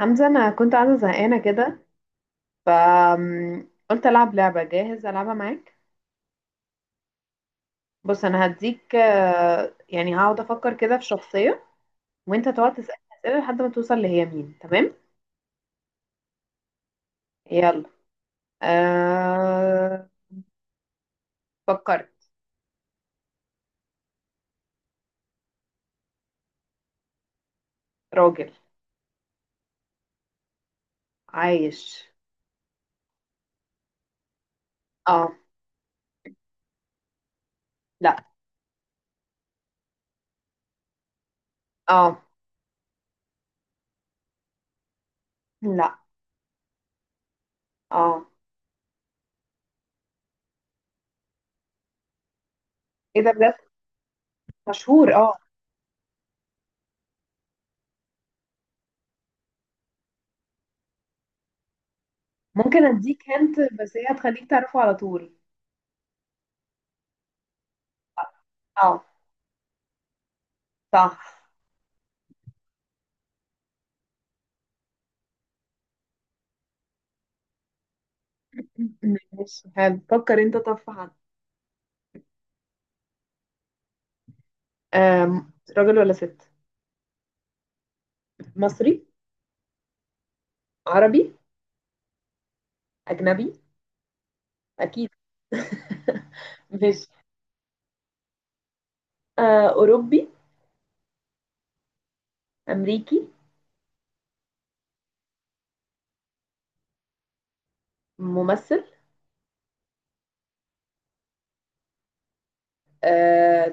حمزة، أنا كنت قاعدة زهقانة كده. فقلت ألعب لعبة. جاهز ألعبها معاك؟ بص أنا هديك. يعني هقعد أفكر كده في شخصية وأنت تقعد تسأل أسئلة لحد ما توصل لهي مين. تمام؟ يلا. أه... فكرت. راجل. عايش. اه. لا. اه. لا. اه. ايه ده بجد؟ مشهور، اه. ممكن اديك هنت بس هي هتخليك تعرفه على طول. اه. صح. ماشي حلو. فكر انت. طب في حد؟ آم، راجل ولا ست؟ مصري؟ عربي؟ أجنبي أكيد. ماشي. أوروبي؟ أمريكي؟ ممثل؟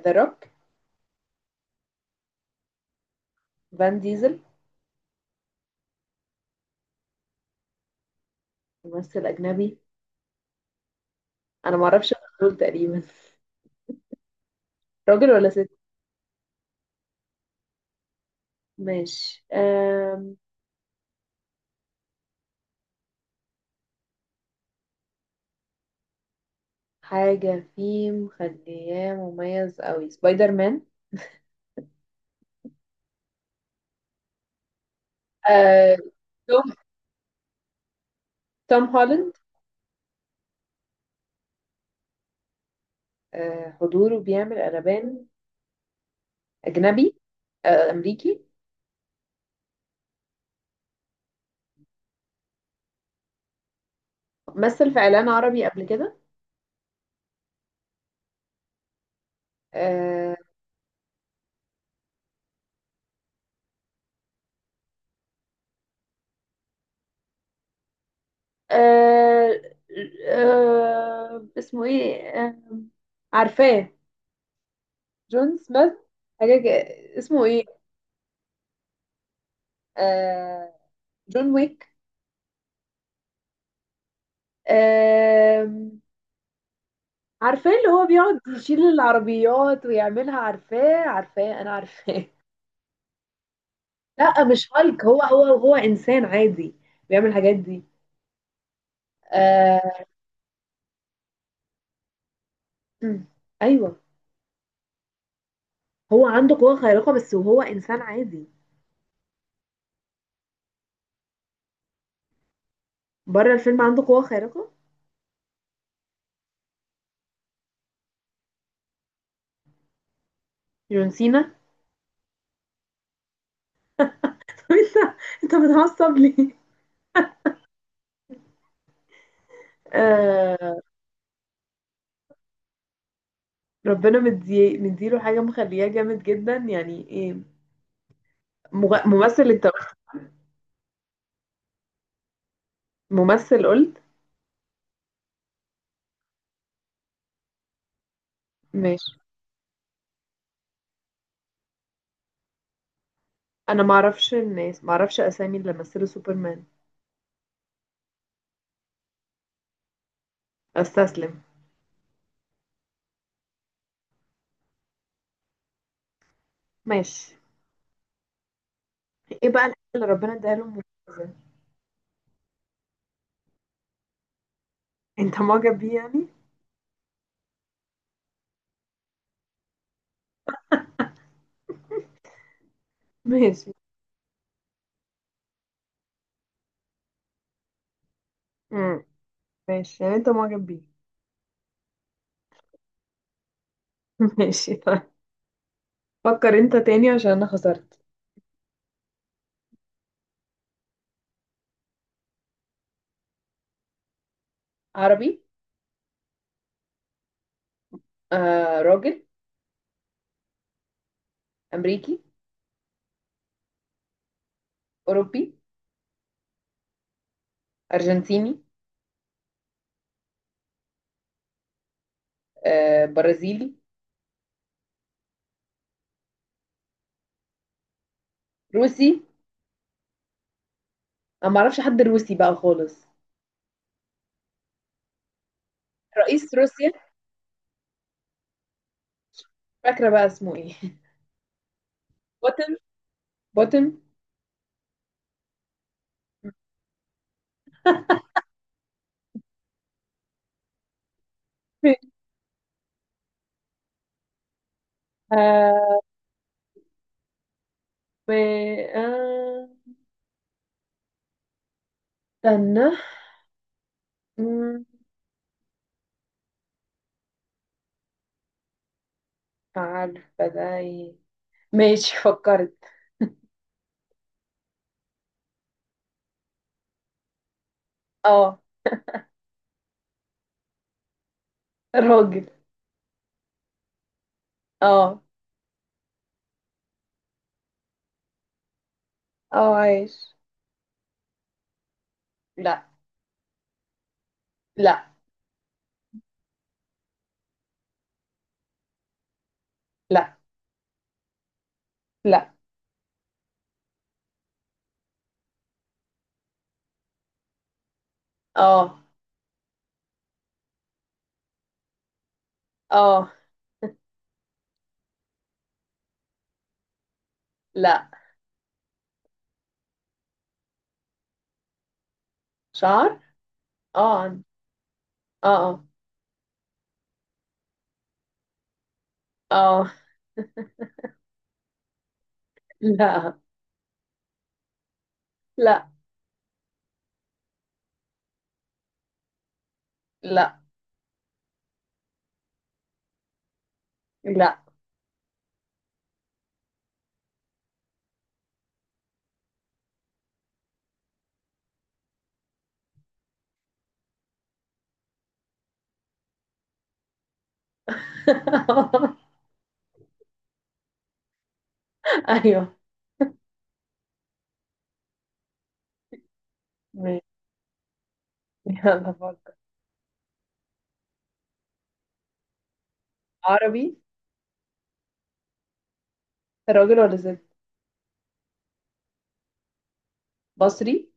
ذا روك؟ فان ديزل؟ ممثل أجنبي، أنا معرفش غير دول تقريبا. راجل ولا ست؟ ماشي. حاجة فيه مخلياه مميز أوي؟ سبايدر مان؟ آه، توم توم هولاند؟ حضوره بيعمل قلبان. أجنبي؟ أمريكي؟ مثل في إعلان عربي قبل كده؟ آه، آه اسمه ايه؟ عارفاه. جون سميث؟ حاجة كده-. اسمه ايه؟ آه جون ويك؟ آه عارفاه، اللي هو بيقعد يشيل العربيات ويعملها. عارفاه، عارفاه، انا عارفاه. لا مش هالك. هو انسان عادي بيعمل الحاجات دي. آه. مم. ايوه. هو عنده قوة خارقة بس، وهو انسان عادي. بره الفيلم عنده قوة خارقة. جون سينا. طب انت بتعصب ليه؟ آه ربنا مديله حاجة مخلياه جامد جدا. يعني ايه؟ مغ- ممثل انت؟ ممثل قلت. ماشي. انا معرفش الناس، معرفش اسامي اللي مثلوا سوبرمان. استسلم. ماشي. ايه بقى الحاجة اللي ربنا اداها له مميزة؟ انت معجب بيه يعني؟ ماشي. امم. ماشي، يعني انت معجب بيه؟ ماشي، طيب. فكر انت تاني عشان انا خسرت. عربي. آه، راجل. امريكي؟ اوروبي؟ ارجنتيني؟ آه، برازيلي؟ روسي؟ انا ما اعرفش حد روسي بقى خالص. رئيس روسيا. فاكره بقى اسمه ايه؟ بوتن، بوتن. آه و آه استنى. مم، عارفه ده ايه؟ ماشي، فكرت. اه. راجل. اه. اه، عايش. لا. لا. لا. لا. اه. اه. لا. شعر؟ اه، عندي. اه. اه. اه. لا. لا. لا. لا. ايوه. ماشي. يلا فكر. عربي. راجل ولا ست؟ مصري؟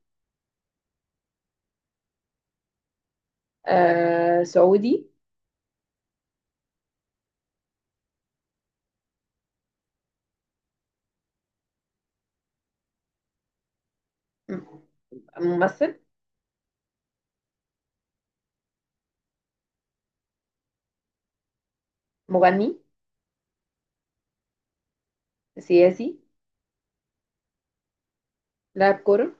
سعودي؟ م- ممثل؟ مغني؟ سياسي؟ لاعب كرة؟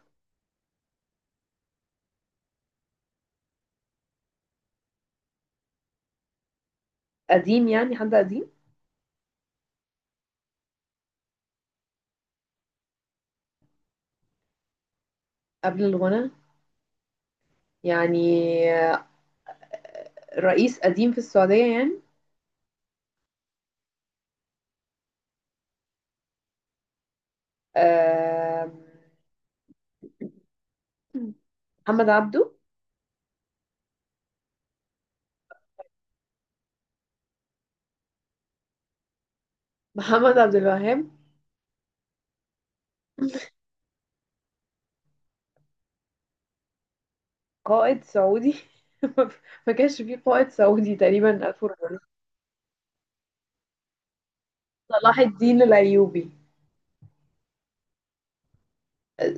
قديم، يعني حد قديم؟ قبل الغنى يعني؟ آه، رئيس قديم في السعودية يعني؟ آه محمد عبده؟ محمد عبد الوهاب؟ قائد سعودي. ما كانش فيه قائد سعودي تقريبا 1400. صلاح الدين الأيوبي؟ آه،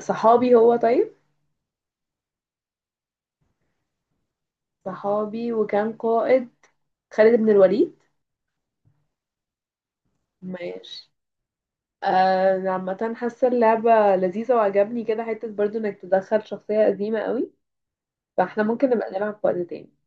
صحابي هو، طيب؟ صحابي وكان قائد. خالد بن الوليد. ماشي. عامة حاسة اللعبة لذيذة وعجبني كده حتة برضو انك تدخل شخصية قديمة قوي، فاحنا ممكن نبقى نلعب في وقت تاني.